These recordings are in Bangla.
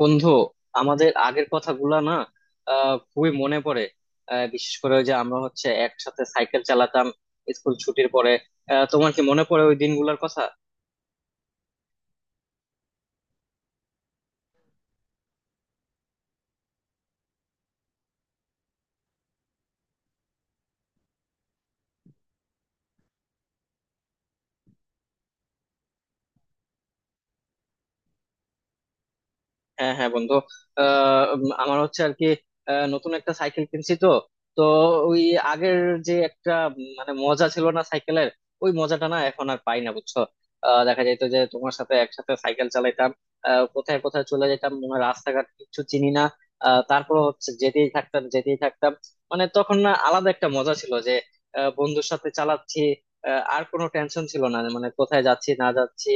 বন্ধু, আমাদের আগের কথাগুলা না খুবই মনে পড়ে। বিশেষ করে ওই যে আমরা হচ্ছে একসাথে সাইকেল চালাতাম স্কুল ছুটির পরে। তোমার কি মনে পড়ে ওই দিনগুলোর কথা? হ্যাঁ হ্যাঁ বন্ধু, আমার হচ্ছে আর কি নতুন একটা সাইকেল কিনছি তো। তো ওই আগের যে একটা মানে মজা ছিল না সাইকেলের, ওই মজাটা না এখন আর পাই না বুঝছো। দেখা যেত যে তোমার সাথে একসাথে সাইকেল চালাইতাম, কোথায় কোথায় চলে যেতাম মনে হয় রাস্তাঘাট কিছু চিনি না। তারপর হচ্ছে যেতেই থাকতাম যেতেই থাকতাম, মানে তখন না আলাদা একটা মজা ছিল যে বন্ধুর সাথে চালাচ্ছি। আর কোনো টেনশন ছিল না, মানে কোথায় যাচ্ছি না যাচ্ছি,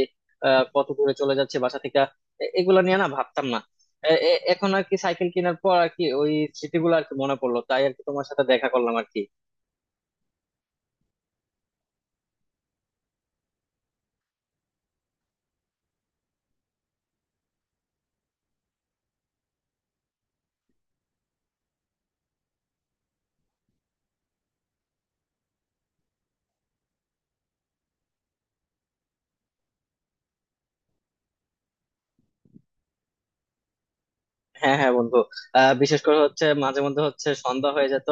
কত দূরে চলে যাচ্ছি বাসা থেকে, এগুলা নিয়ে না ভাবতাম না। এখন আর কি সাইকেল কেনার পর আর কি ওই স্মৃতিগুলো আর কি মনে পড়লো, তাই আর কি তোমার সাথে দেখা করলাম আর কি। হ্যাঁ হ্যাঁ বন্ধু, বিশেষ করে হচ্ছে মাঝে মধ্যে হচ্ছে সন্ধ্যা হয়ে যেত,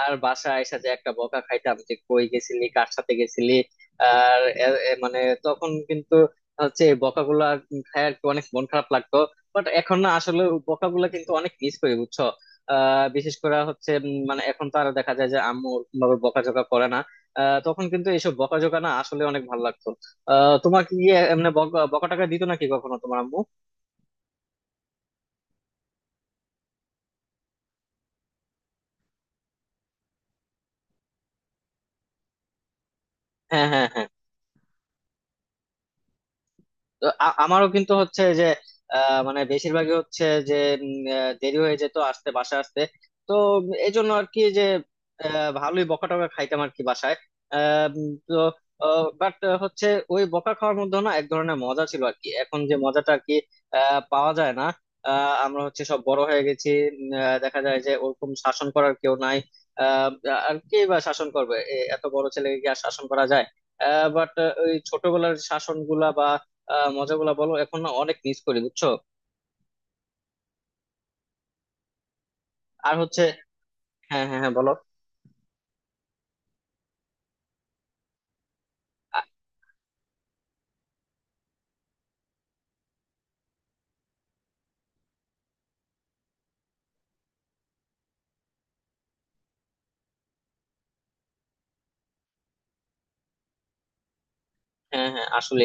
আর বাসায় আইসা যে একটা বকা খাইতাম যে কই গেছিলি কার সাথে গেছিলি। আর এ- এ মানে তখন কিন্তু হচ্ছে এই বকাগুলা খায় আর কি অনেক মন খারাপ লাগতো। বাট এখন না আসলে বকাগুলা কিন্তু অনেক মিস করি বুঝছো। বিশেষ করে হচ্ছে মানে এখন তো আরো দেখা যায় যে আম্মু ওরকম ভাবে বকাঝকা করে না। তখন কিন্তু এইসব বকাঝকা না আসলে অনেক ভালো লাগতো। তোমার কি এমনি বকা বকাটাকা দিত নাকি কখনো তোমার আম্মু? হ্যাঁ হ্যাঁ হ্যাঁ, তো আমারও কিন্তু হচ্ছে যে মানে বেশিরভাগই হচ্ছে যে দেরি হয়ে যেত আসতে, বাসায় আসতে। তো এই জন্য আর কি যে ভালোই বকা টকা খাইতাম আর কি বাসায়। তো বাট হচ্ছে ওই বকা খাওয়ার মধ্যে না এক ধরনের মজা ছিল আর কি, এখন যে মজাটা আর কি পাওয়া যায় না। আমরা হচ্ছে সব বড় হয়ে গেছি। দেখা যায় যে ওরকম শাসন করার কেউ নাই। আহ, আর কে বা শাসন করবে? এত বড় ছেলেকে কি আর শাসন করা যায়? বাট ওই ছোটবেলার শাসন গুলা বা মজাগুলা বলো, এখন না অনেক মিস করি বুঝছো। আর হচ্ছে হ্যাঁ হ্যাঁ হ্যাঁ বলো। হ্যাঁ হ্যাঁ আসলে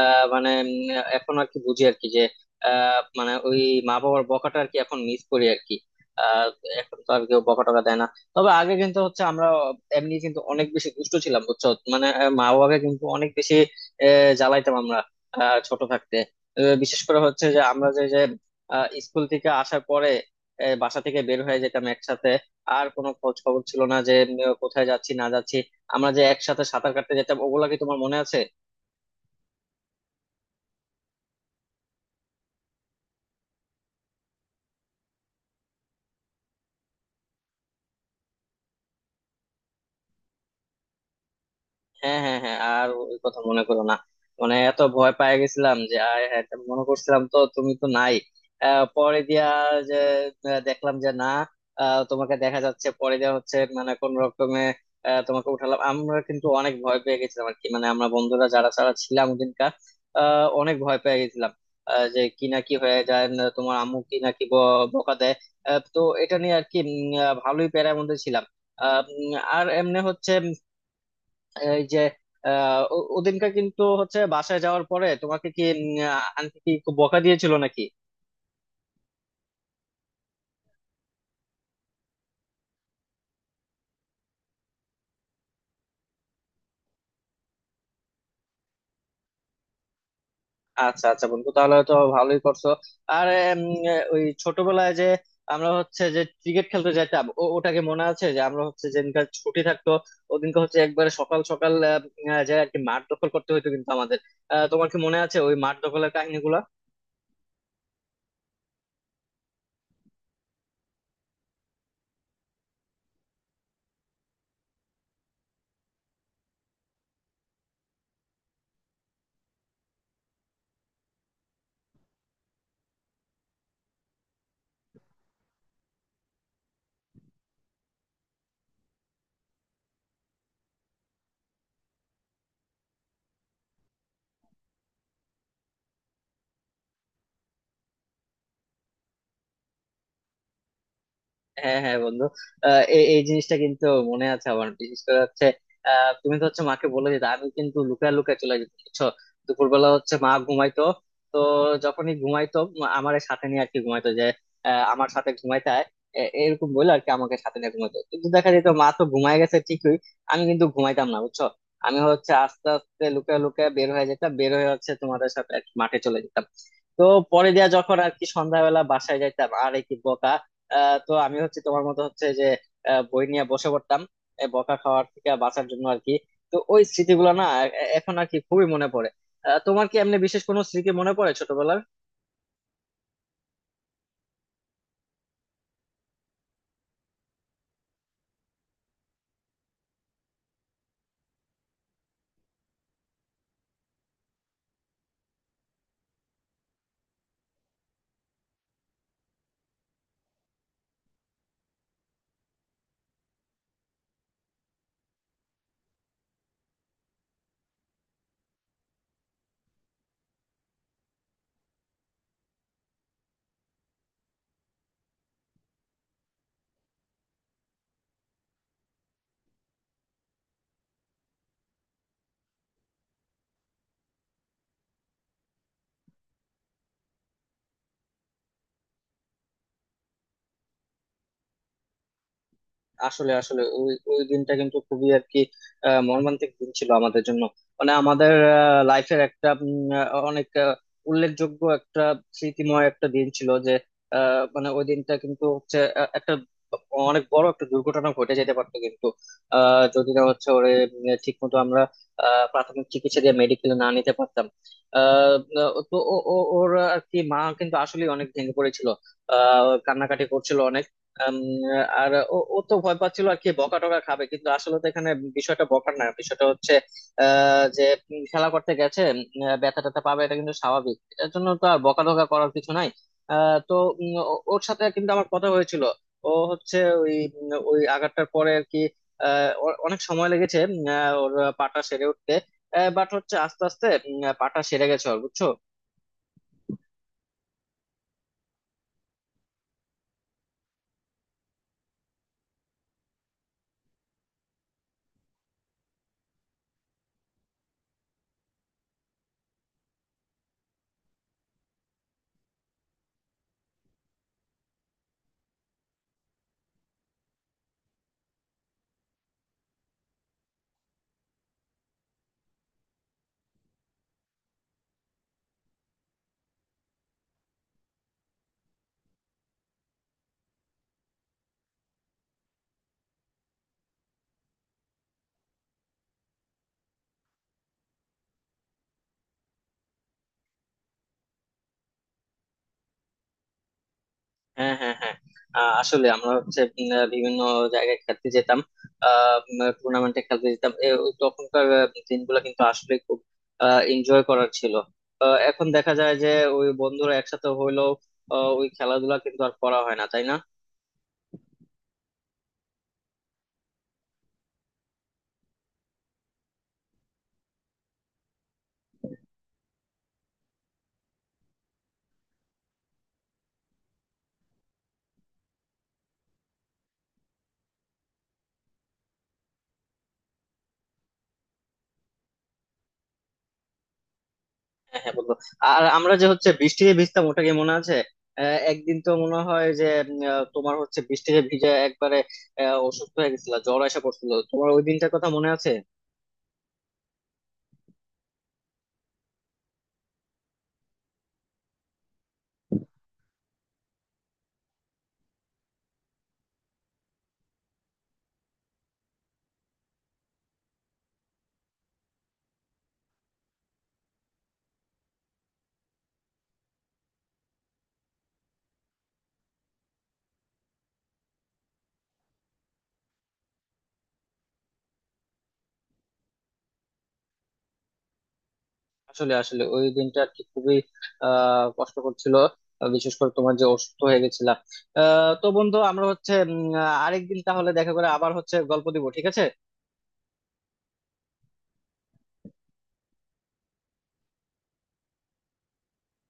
মানে এখন আর কি বুঝি আর কি যে মানে ওই মা বাবার বকাটা আর কি এখন মিস করি আর কি। আহ, এখন তো আর কেউ বকা টকা দেয় না। তবে আগে কিন্তু হচ্ছে আমরা এমনি কিন্তু অনেক বেশি দুষ্ট ছিলাম বুঝছো। মানে মা বাবাকে কিন্তু অনেক বেশি জ্বালাইতাম আমরা ছোট থাকতে। বিশেষ করে হচ্ছে যে আমরা যে যে আহ, স্কুল থেকে আসার পরে বাসা থেকে বের হয়ে যেতাম একসাথে। আর কোনো খোঁজ খবর ছিল না যে কোথায় যাচ্ছি না যাচ্ছি। আমরা যে একসাথে সাঁতার কাটতে যেতাম, ওগুলা কি তোমার মনে আছে? হ্যাঁ হ্যাঁ হ্যাঁ, আর ওই কথা মনে করো না, মানে এত ভয় পেয়ে গেছিলাম যে আয় হ্যাঁ এটা মনে করছিলাম তো তুমি তো নাই। পরে দিয়া যে দেখলাম যে না, তোমাকে দেখা যাচ্ছে, পরে দেওয়া হচ্ছে মানে কোন রকমে তোমাকে উঠালাম। আমরা কিন্তু অনেক ভয় পেয়ে গেছিলাম আর কি, মানে আমরা বন্ধুরা যারা যারা ছিলাম ওদিনকার অনেক ভয় পেয়ে গেছিলাম। যে কি না কি হয়ে যায় না, তোমার আম্মু কি না কি বকা দেয়। তো এটা নিয়ে আর কি ভালোই প্যারার মধ্যে ছিলাম। আহ, উম, আর এমনি হচ্ছে এই যে ওদিনকার কিন্তু হচ্ছে বাসায় যাওয়ার পরে তোমাকে কি আন্টি কি খুব বকা দিয়েছিল নাকি? আচ্ছা আচ্ছা বন্ধু, তাহলে তো ভালোই করছো। আর উম, ওই ছোটবেলায় যে আমরা হচ্ছে যে ক্রিকেট খেলতে যেতাম, ওটাকে মনে আছে যে আমরা হচ্ছে যেদিনকার ছুটি থাকতো ওদিনকে হচ্ছে একবারে সকাল সকাল যে আর কি মাঠ দখল করতে হতো কিন্তু আমাদের। তোমার কি মনে আছে ওই মাঠ দখলের কাহিনীগুলো? হ্যাঁ হ্যাঁ বন্ধু, এই এই জিনিসটা কিন্তু মনে আছে আমার। বিশেষ করে হচ্ছে তুমি তো হচ্ছে মাকে বলে দিতে, আমি কিন্তু লুকায় লুকায় চলে যেতাম বুঝছো। দুপুরবেলা হচ্ছে মা ঘুমাইতো, তো যখনই ঘুমাইতো মা আমার সাথে নিয়ে আর কি ঘুমাইতো, যে আমার সাথে ঘুমাইতে আয়, এরকম বলে আর কি আমাকে সাথে নিয়ে ঘুমাইতো। কিন্তু দেখা যেত মা তো ঘুমায় গেছে ঠিকই, আমি কিন্তু ঘুমাইতাম না বুঝছো। আমি হচ্ছে আস্তে আস্তে লুকায় লুকায় বের হয়ে যেতাম, বের হয়ে হচ্ছে তোমাদের সাথে আর কি মাঠে চলে যেতাম। তো পরে দিয়া যখন আর কি সন্ধ্যাবেলা বাসায় যাইতাম আর কি বোকা। তো আমি হচ্ছে তোমার মতো হচ্ছে যে বই নিয়ে বসে পড়তাম, এ বকা খাওয়ার থেকে বাঁচার জন্য আর কি। তো ওই স্মৃতিগুলো না এখন আর কি খুবই মনে পড়ে। তোমার কি এমনি বিশেষ কোনো স্মৃতি মনে পড়ে ছোটবেলার? আসলে আসলে ওই ওই দিনটা কিন্তু খুবই আর কি মর্মান্তিক দিন ছিল আমাদের জন্য। মানে আমাদের লাইফের একটা অনেক উল্লেখযোগ্য একটা স্মৃতিময় একটা দিন ছিল যে মানে ওই দিনটা কিন্তু হচ্ছে একটা অনেক বড় একটা দুর্ঘটনা ঘটে যেতে পারতো, কিন্তু যদি না হচ্ছে ওরে ঠিক মতো আমরা প্রাথমিক চিকিৎসা দিয়ে মেডিকেলে না নিতে পারতাম। আহ তো ওর আর কি মা কিন্তু আসলে অনেক ভেঙে পড়েছিল, কান্নাকাটি করছিল অনেক। আম, আর ও ও তো ভয় পাচ্ছিল আর কি বকা টকা খাবে, কিন্তু আসলে তো এখানে বিষয়টা বকার না, বিষয়টা হচ্ছে যে খেলা করতে গেছে, ব্যথা ট্যাথা পাবে এটা কিন্তু স্বাভাবিক, এর জন্য তো আর বকা টকা করার কিছু নাই। আহ, তো উম, ওর সাথে কিন্তু আমার কথা হয়েছিল। ও হচ্ছে ওই ওই আঘাতটার পরে আর কি ওর অনেক সময় লেগেছে ওর পাটা সেরে উঠতে। বাট হচ্ছে আস্তে আস্তে পাটা সেরে গেছে ওর বুঝছো। হ্যাঁ হ্যাঁ হ্যাঁ, আসলে আমরা হচ্ছে বিভিন্ন জায়গায় খেলতে যেতাম, টুর্নামেন্টে খেলতে যেতাম। এ, ওই তখনকার দিনগুলো কিন্তু আসলে খুব এনজয় করার ছিল। এখন দেখা যায় যে ওই বন্ধুরা একসাথে হইলেও ওই খেলাধুলা কিন্তু আর করা হয় না, তাই না? হ্যাঁ হ্যাঁ বন্ধু, আর আমরা যে হচ্ছে বৃষ্টিতে ভিজতাম ওটা কি মনে আছে? একদিন তো মনে হয় যে তোমার হচ্ছে বৃষ্টিতে ভিজে একবারে অসুস্থ হয়ে গেছিল, জ্বর এসে পড়ছিল তোমার, ওই দিনটার কথা মনে আছে? আসলে আসলে ওই দিনটা আর কি খুবই কষ্টকর ছিল। বিশেষ করে তোমার যে অসুস্থ হয়ে গেছিলা। তো বন্ধু, আমরা হচ্ছে আরেকদিন তাহলে দেখা করে আবার হচ্ছে গল্প দিব, ঠিক আছে?